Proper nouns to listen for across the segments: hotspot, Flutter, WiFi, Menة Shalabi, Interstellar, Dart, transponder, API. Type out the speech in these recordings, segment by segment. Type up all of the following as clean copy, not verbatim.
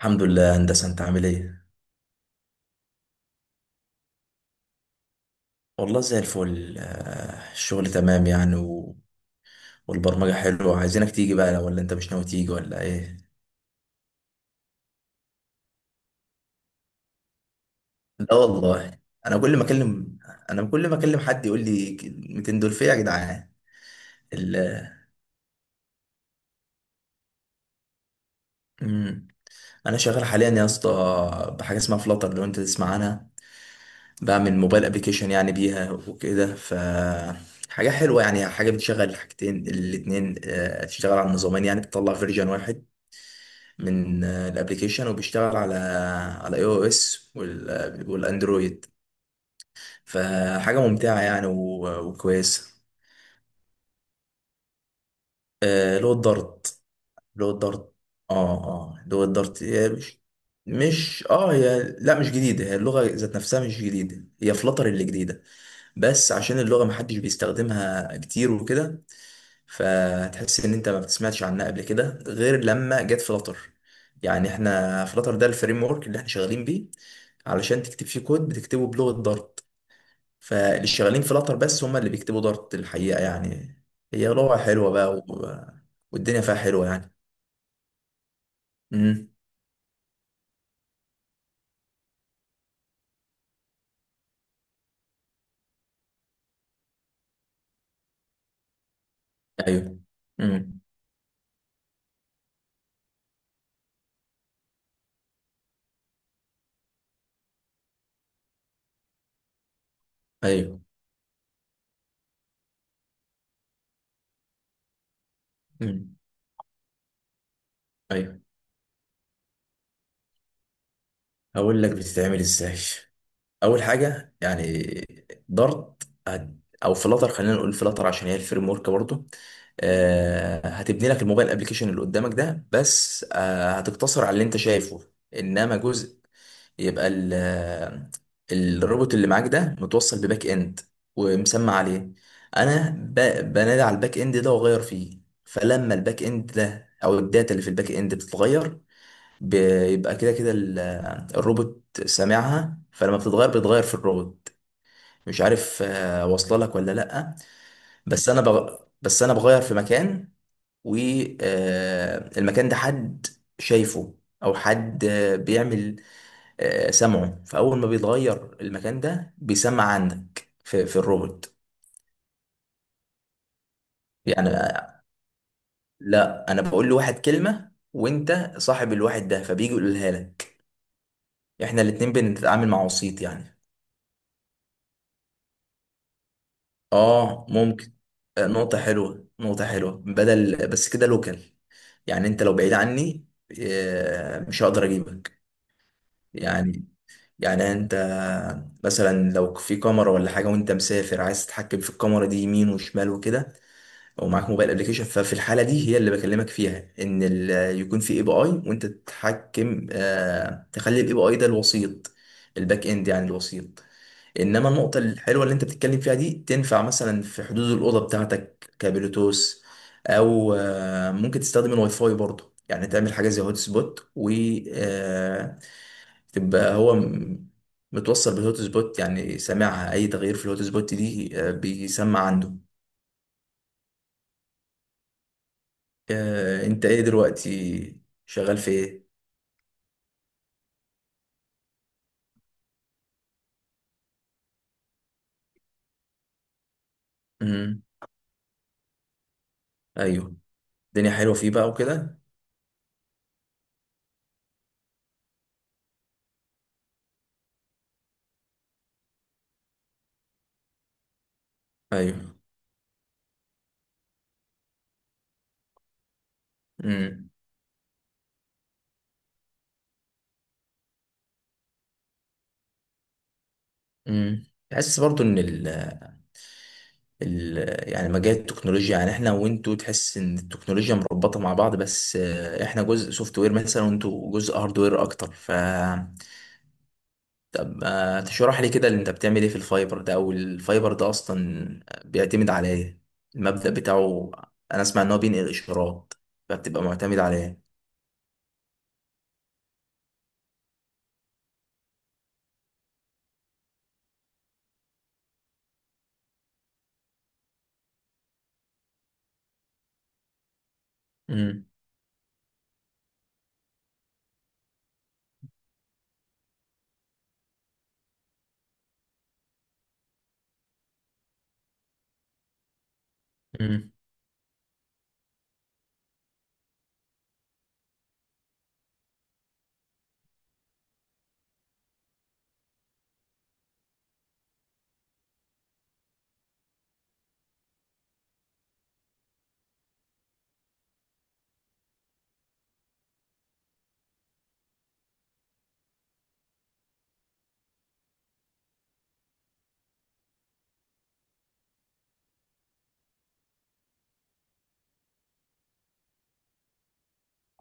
الحمد لله هندسة، انت عامل ايه؟ والله زي الفل. الشغل تمام يعني والبرمجة حلوة، عايزينك تيجي بقى، ولا انت مش ناوي تيجي ولا ايه؟ لا والله. انا كل ما اكلم انا كل ما اكلم حد يقول لي كلمتين دول فيا يا جدعان. ال... مم. انا شغال حاليا يا اسطى بحاجة اسمها فلاتر، لو انت تسمع عنها. بعمل موبايل ابلكيشن يعني بيها وكده. حاجة حلوة يعني، حاجة بتشغل الحاجتين الاتنين. تشتغل على النظامين، يعني بتطلع فيرجن واحد من الابليكيشن، وبيشتغل على اي او اس والاندرويد. فحاجه ممتعه يعني وكويسه. اللي هو الدارت. اللي هو الدارت، اه. اه، اللي هو الدارت. هي لا، مش جديده. هي اللغه ذات نفسها مش جديده، هي فلتر اللي جديده. بس عشان اللغه محدش بيستخدمها كتير وكده، فتحس ان انت ما بتسمعش عنها قبل كده غير لما جت فلتر. يعني احنا فلتر ده الفريم ورك اللي احنا شغالين بيه، علشان تكتب فيه كود بتكتبه بلغة دارت. فاللي شغالين في لاتر بس هم اللي بيكتبوا دارت الحقيقة يعني. هي لغة حلوة بقى والدنيا فيها حلوة يعني. امم. ايوه. امم. ايوه. امم. ايوه، هقول لك بتتعمل ازاي. اول حاجة يعني، دارت، هت- او فلاتر، خلينا نقول فلاتر عشان هي الفريم ورك برضه. هتبني لك الموبايل ابلكيشن اللي قدامك ده، بس هتقتصر على اللي انت شايفه. انما جزء، يبقى الروبوت اللي معاك ده متوصل بباك اند، ومسمى عليه. انا بنادي على الباك اند ده واغير فيه. فلما الباك اند ده او الداتا اللي في الباك اند بتتغير، بيبقى كده كده الروبوت سامعها، فلما بتتغير في الروبوت. مش عارف واصله لك ولا لا. بس انا بغ... بس انا بغير في مكان، والمكان ده حد شايفه، او حد بيعمل سمعه، فاول ما بيتغير المكان ده بيسمع عندك في الروبوت. يعني لا، انا بقول لواحد كلمه، وانت صاحب الواحد ده، فبيجي يقولها لك. احنا الاتنين بنتعامل مع وسيط يعني. اه، ممكن. نقطه حلوه، نقطه حلوه، بدل بس كده لوكال. يعني انت لو بعيد عني، مش هقدر اجيبك. يعني يعني انت مثلا، لو في كاميرا ولا حاجه وانت مسافر، عايز تتحكم في الكاميرا دي يمين وشمال وكده، او معاك موبايل ابلكيشن، ففي الحاله دي هي اللي بكلمك فيها، ان يكون في اي بي اي، وانت تتحكم تخلي الاي بي اي ده الوسيط، الباك اند يعني الوسيط. انما النقطه الحلوه اللي انت بتتكلم فيها دي، تنفع مثلا في حدود الاوضه بتاعتك كبلوتوث، او ممكن تستخدم الواي فاي برضه، يعني تعمل حاجه زي هوت سبوت آه تبقى هو متوصل بالهوت سبوت، يعني سامعها، اي تغيير في الهوت سبوت دي بيسمع عنده. انت ايه دلوقتي شغال في ايه؟ امم. ايوه، الدنيا حلوه فيه بقى وكده. ايوه. امم. امم، تحس برضو ان ال ال يعني مجال التكنولوجيا، يعني احنا وانتوا، تحس ان التكنولوجيا مربوطه مع بعض، بس احنا جزء سوفت وير مثلا، وانتوا جزء هاردوير اكتر. طب تشرح لي كده اللي انت بتعمل ايه في الفايبر ده، او الفايبر ده اصلا بيعتمد على ايه، المبدأ بتاعه؟ انا اسمع ان هو بينقل اشارات، فبتبقى معتمد على ايه؟ امم.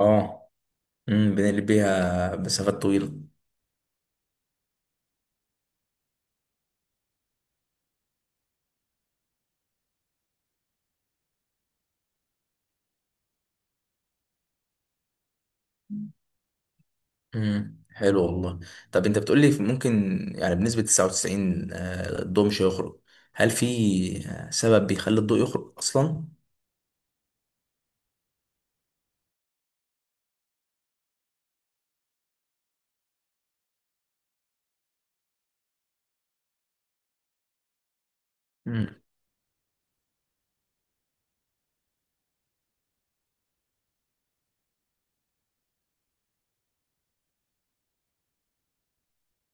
اه. امم، بنقلب بيها مسافات طويلة. امم، حلو والله. طب انت بتقول لي ممكن، يعني بنسبة 99 الضوء مش هيخرج، هل في سبب بيخلي الضوء يخرج اصلا؟ مم.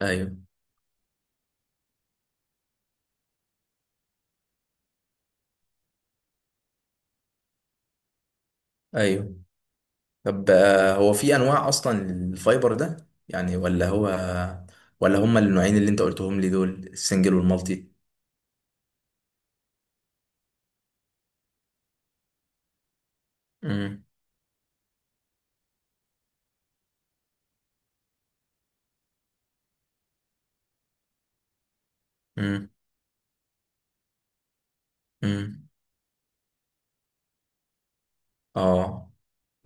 ايوه. ايوه، طب هو في انواع اصلا للفايبر ده، يعني، ولا هو، ولا هما النوعين اللي انت قلتهم لي دول، السنجل والمالتي؟ امم. امم. امم. اه،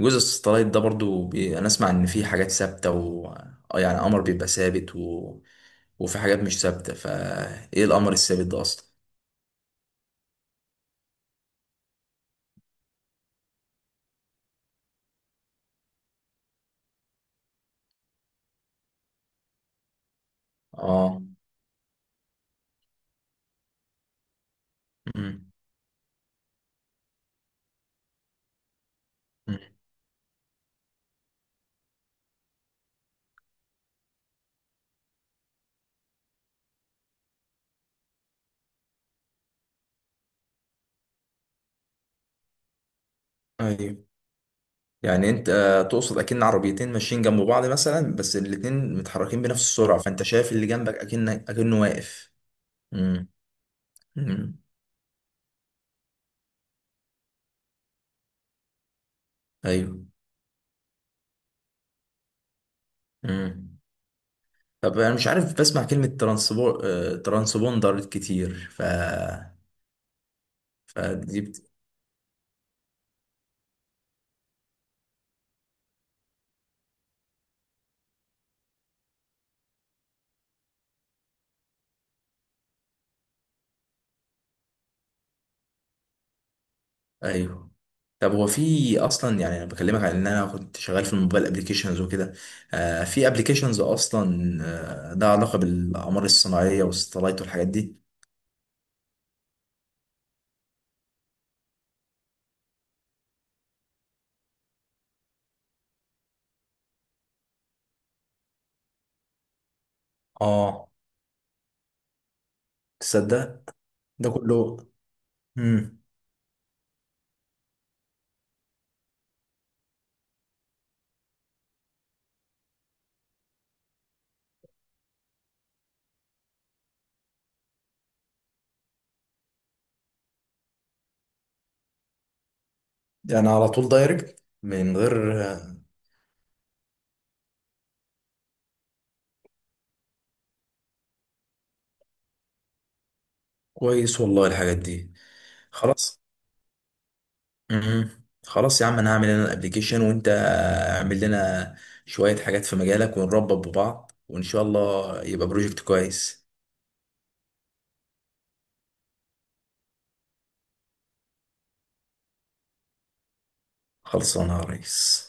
جزء الساتلايت ده برضو، انا اسمع ان في حاجات ثابته، يعني قمر بيبقى ثابت وفي حاجات مش ثابته، فايه القمر الثابت ده اصلا؟ اه. مم. مم. ايوه، يعني انت تقصد اكن عربيتين ماشيين جنب بعض مثلا، بس الاتنين متحركين بنفس السرعه، فانت شايف اللي جنبك اكن اكنه واقف. مم. مم. ايوه. مم. طب انا مش عارف، بسمع كلمه ترانسبور آه، ترانسبوندر كتير. فدي؟ ايوه، طب هو في اصلا، يعني انا بكلمك عن ان انا كنت شغال في الموبايل ابلكيشنز وكده، في ابلكيشنز اصلا ده علاقه بالاقمار الصناعيه والستلايت والحاجات دي؟ اه، تصدق ده كله. امم. يعني على طول دايركت من غير كويس والله الحاجات دي. خلاص. امم. خلاص يا عم، انا هعمل انا الابلكيشن، وانت اعمل لنا شويه حاجات في مجالك، ونربط ببعض، وان شاء الله يبقى بروجكت كويس. خلصانه يا ريس.